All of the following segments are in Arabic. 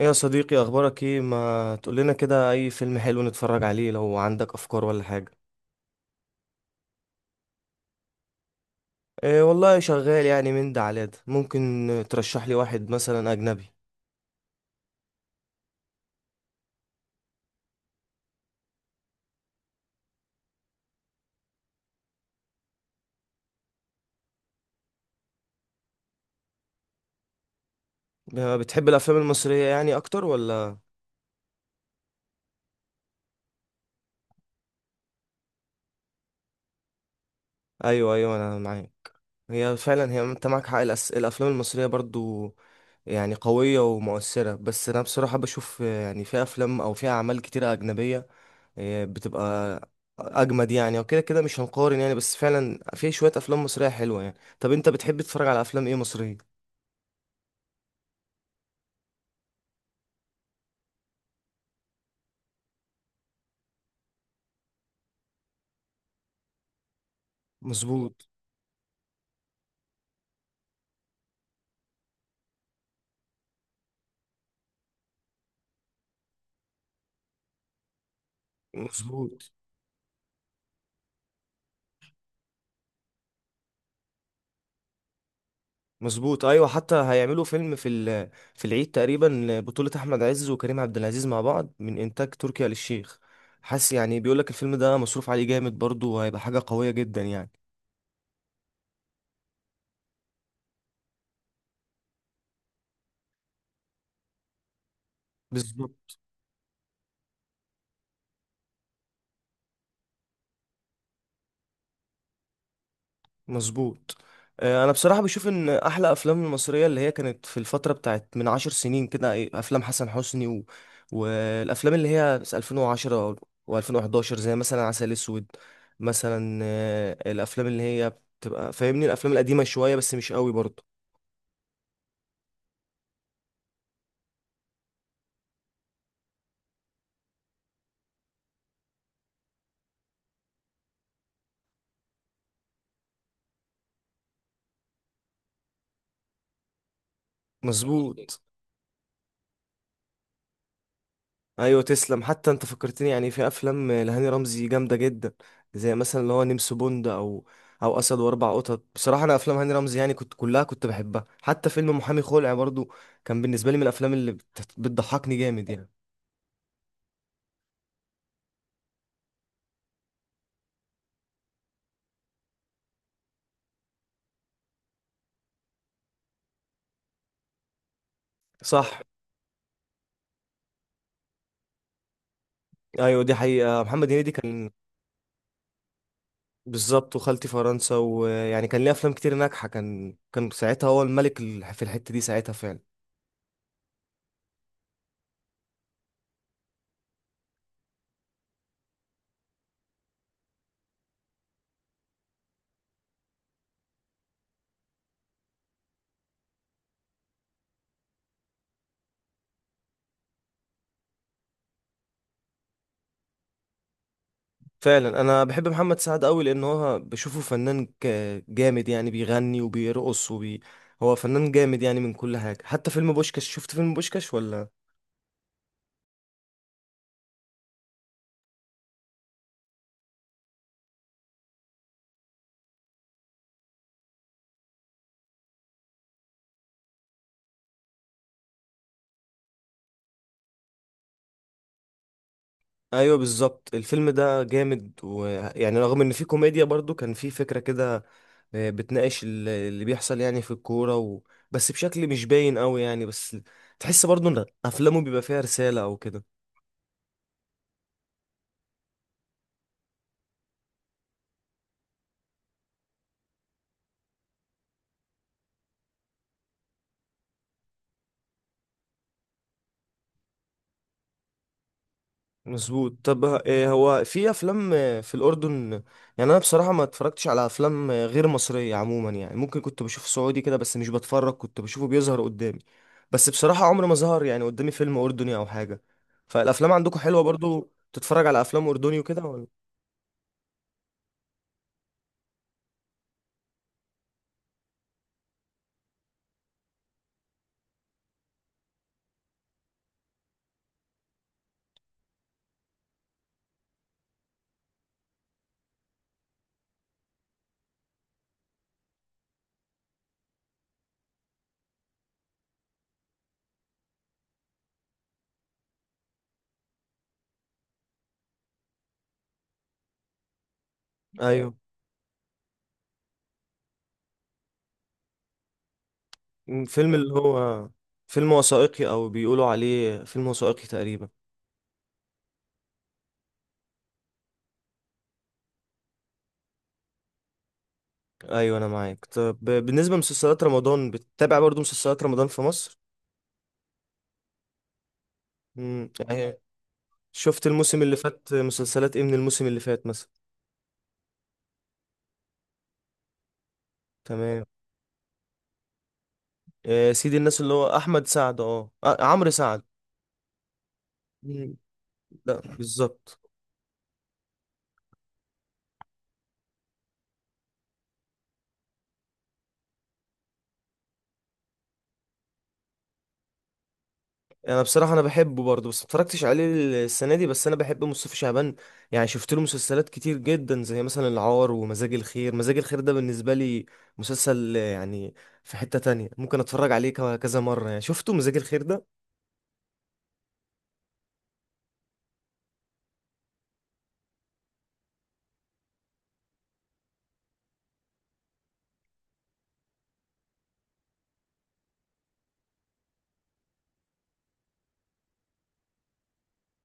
ايه يا صديقي، اخبارك ايه؟ ما تقول لنا كده، اي فيلم حلو نتفرج عليه لو عندك افكار ولا حاجه؟ إيه والله شغال يعني، من ده على ده ممكن. ترشح لي واحد مثلا اجنبي. بتحب الافلام المصريه يعني اكتر ولا؟ ايوه ايوه انا معاك. هي فعلا، هي انت معاك حق الافلام المصريه برضو يعني قويه ومؤثره، بس انا بصراحه بشوف يعني في افلام او في اعمال كتيره اجنبيه، إيه، بتبقى اجمد يعني، وكده كده مش هنقارن يعني، بس فعلا في شويه افلام مصريه حلوه يعني. طب انت بتحب تتفرج على افلام ايه مصريه؟ مظبوط. مظبوط. مظبوط. ايوه، حتى هيعملوا فيلم في العيد تقريبا بطوله احمد عز وكريم عبد العزيز مع بعض من انتاج تركي آل الشيخ. حاسس يعني بيقول لك الفيلم ده مصروف عليه جامد برضه، وهيبقى حاجه قويه جدا يعني. بالظبط. مظبوط. انا بصراحه بشوف ان احلى افلام المصريه اللي هي كانت في الفتره بتاعت من 10 سنين كده، إيه، افلام حسن حسني والافلام اللي هي 2010 و2011 زي مثلا عسل اسود مثلا. الافلام اللي هي بتبقى فاهمني، الافلام القديمه شويه بس مش قوي برضه. مظبوط. ايوه تسلم، حتى انت فكرتني يعني في افلام لهاني رمزي جامده جدا، زي مثلا اللي هو نمس بوند او اسد واربع قطط. بصراحه انا افلام هاني رمزي يعني كنت كلها كنت بحبها، حتى فيلم محامي خلع برضو كان بالنسبه لي من الافلام اللي بتضحكني جامد يعني. صح. ايوه دي حقيقه، محمد هنيدي كان. بالظبط، وخالتي فرنسا، ويعني كان ليه افلام كتير ناجحه، كان ساعتها هو الملك في الحته دي ساعتها فعلا. فعلا انا بحب محمد سعد قوي، لان هو بشوفه فنان جامد يعني، بيغني وبيرقص هو فنان جامد يعني من كل حاجة. حتى فيلم بوشكاش، شفت فيلم بوشكاش ولا؟ ايوه بالظبط، الفيلم ده جامد، ويعني رغم ان فيه كوميديا برضو كان فيه فكرة كده، بتناقش اللي بيحصل يعني في الكورة بس بشكل مش باين قوي يعني، بس تحس برضو ان افلامه بيبقى فيها رسالة او كده. مظبوط. طب إيه، هو في افلام في الاردن؟ يعني انا بصراحه ما اتفرجتش على افلام غير مصريه عموما يعني، ممكن كنت بشوف سعودي كده بس مش بتفرج، كنت بشوفه بيظهر قدامي. بس بصراحه عمر ما ظهر يعني قدامي فيلم اردني او حاجه. فالافلام عندكم حلوه برضو؟ تتفرج على افلام اردني وكده ولا؟ ايوه. فيلم اللي هو فيلم وثائقي، او بيقولوا عليه فيلم وثائقي تقريبا. ايوه انا معاك. طب بالنسبه لمسلسلات رمضان، بتتابع برضو مسلسلات رمضان في مصر؟ امم. شفت الموسم اللي فات مسلسلات ايه من الموسم اللي فات مثلا؟ تمام. سيدي الناس اللي هو احمد سعد، عمرو سعد. مم. لا بالظبط. انا بصراحه انا بحبه برضه، بس ما اتفرجتش عليه السنه دي، بس انا بحب مصطفى شعبان يعني، شفت له مسلسلات كتير جدا، زي مثلا العار ومزاج الخير. مزاج الخير ده بالنسبه لي مسلسل، يعني في حته تانية ممكن اتفرج عليه كذا مره يعني، شفته مزاج الخير ده.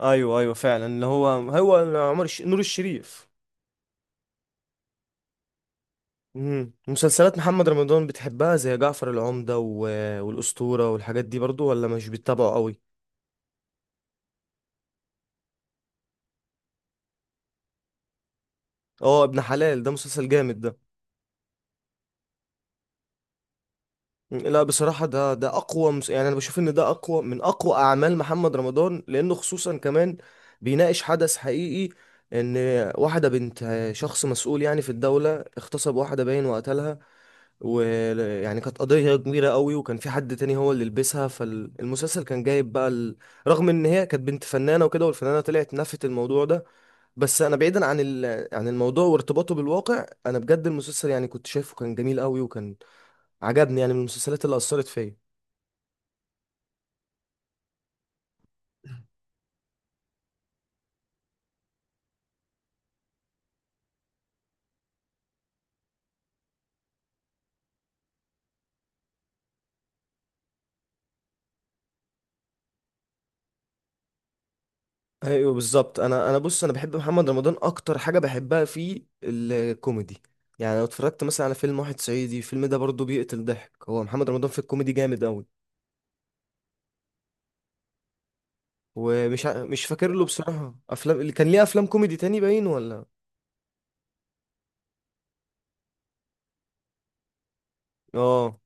ايوه ايوه فعلا، اللي هو هو نور الشريف. مسلسلات محمد رمضان بتحبها زي جعفر العمدة والأسطورة والحاجات دي برضو، ولا مش بتتابعه قوي؟ اه ابن حلال، ده مسلسل جامد ده. لا بصراحة، ده أقوى يعني أنا بشوف إن ده أقوى من أقوى أعمال محمد رمضان، لأنه خصوصا كمان بيناقش حدث حقيقي، إن واحدة بنت شخص مسؤول يعني في الدولة اغتصب واحدة باين وقتلها، ويعني كانت قضية كبيرة قوي، وكان في حد تاني هو اللي لبسها، فالمسلسل كان جايب بقى رغم ان هي كانت بنت فنانة وكده، والفنانة طلعت نفت الموضوع ده. بس انا بعيدا عن عن الموضوع وارتباطه بالواقع، انا بجد المسلسل يعني كنت شايفه كان جميل قوي، وكان عجبني يعني، من المسلسلات اللي اثرت فيا. ايوه بالظبط. انا انا بص، انا بحب محمد رمضان، اكتر حاجة بحبها فيه الكوميدي يعني، لو اتفرجت مثلا على فيلم واحد صعيدي، الفيلم ده برضه بيقتل ضحك، هو محمد رمضان في الكوميدي جامد قوي. ومش مش فاكر له بصراحة افلام، اللي كان ليه افلام كوميدي تاني باين ولا؟ اه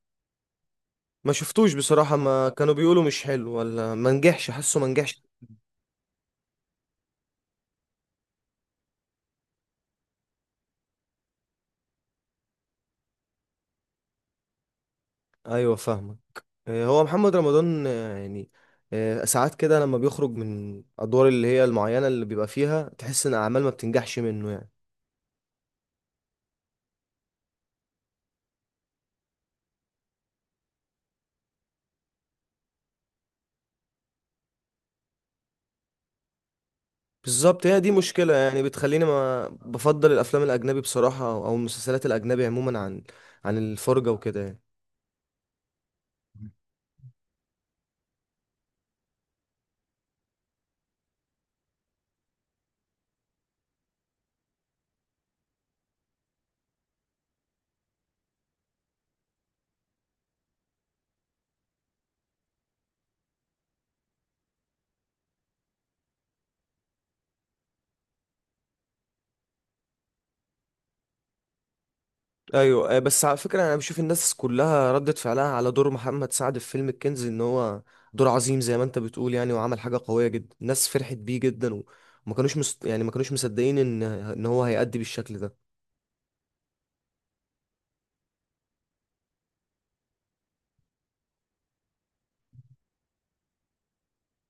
ما شفتوش بصراحة، ما كانوا بيقولوا مش حلو ولا ما نجحش، حاسه ما نجحش. ايوه فاهمك. هو محمد رمضان، يعني ساعات كده لما بيخرج من ادوار اللي هي المعينة اللي بيبقى فيها، تحس ان اعمال ما بتنجحش منه يعني. بالظبط، هي دي مشكلة يعني، بتخليني ما بفضل الافلام الاجنبي بصراحة، أو المسلسلات الاجنبي عموما، عن الفرجة وكده يعني. ايوه. بس على فكره، انا بشوف الناس كلها ردت فعلها على دور محمد سعد في فيلم الكنز، ان هو دور عظيم زي ما انت بتقول يعني، وعمل حاجه قويه جدا، الناس فرحت بيه جدا، وما كانوش يعني ما كانوش مصدقين ان هو هيأدي بالشكل ده.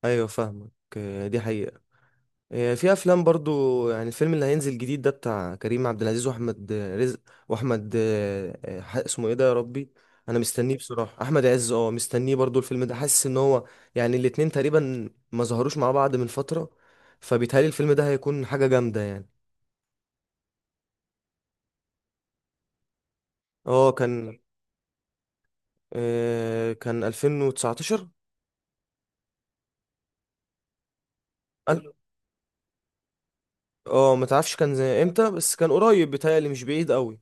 ايوه فاهمك. دي حقيقه. في افلام برضو يعني، الفيلم اللي هينزل جديد ده بتاع كريم عبد العزيز واحمد رزق واحمد، اسمه ايه ده يا ربي؟ انا مستنيه بصراحه، احمد عز، اه مستنيه برضو الفيلم ده، حاسس ان هو يعني الاتنين تقريبا ما ظهروش مع بعض من فتره، فبيتهيألي الفيلم ده هيكون حاجه جامده يعني. اه كان 2019. أل- اه ما تعرفش كان زي امتى، بس كان قريب بيتهيألي، مش بعيد قوي.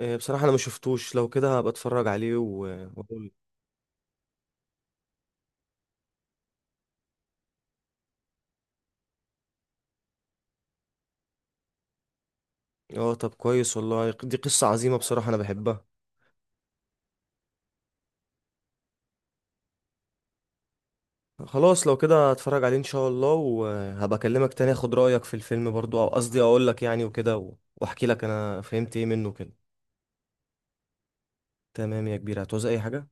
بصراحه انا ما شفتوش، لو كده هبقى اتفرج عليه واقول. اه طب كويس والله، دي قصة عظيمة بصراحة انا بحبها. خلاص لو كده هتفرج عليه ان شاء الله، وهبقى اكلمك تاني اخد رأيك في الفيلم برضو، او قصدي اقول لك يعني وكده واحكي لك انا فهمت ايه منه كده. تمام يا كبير، هتعوز اي حاجة؟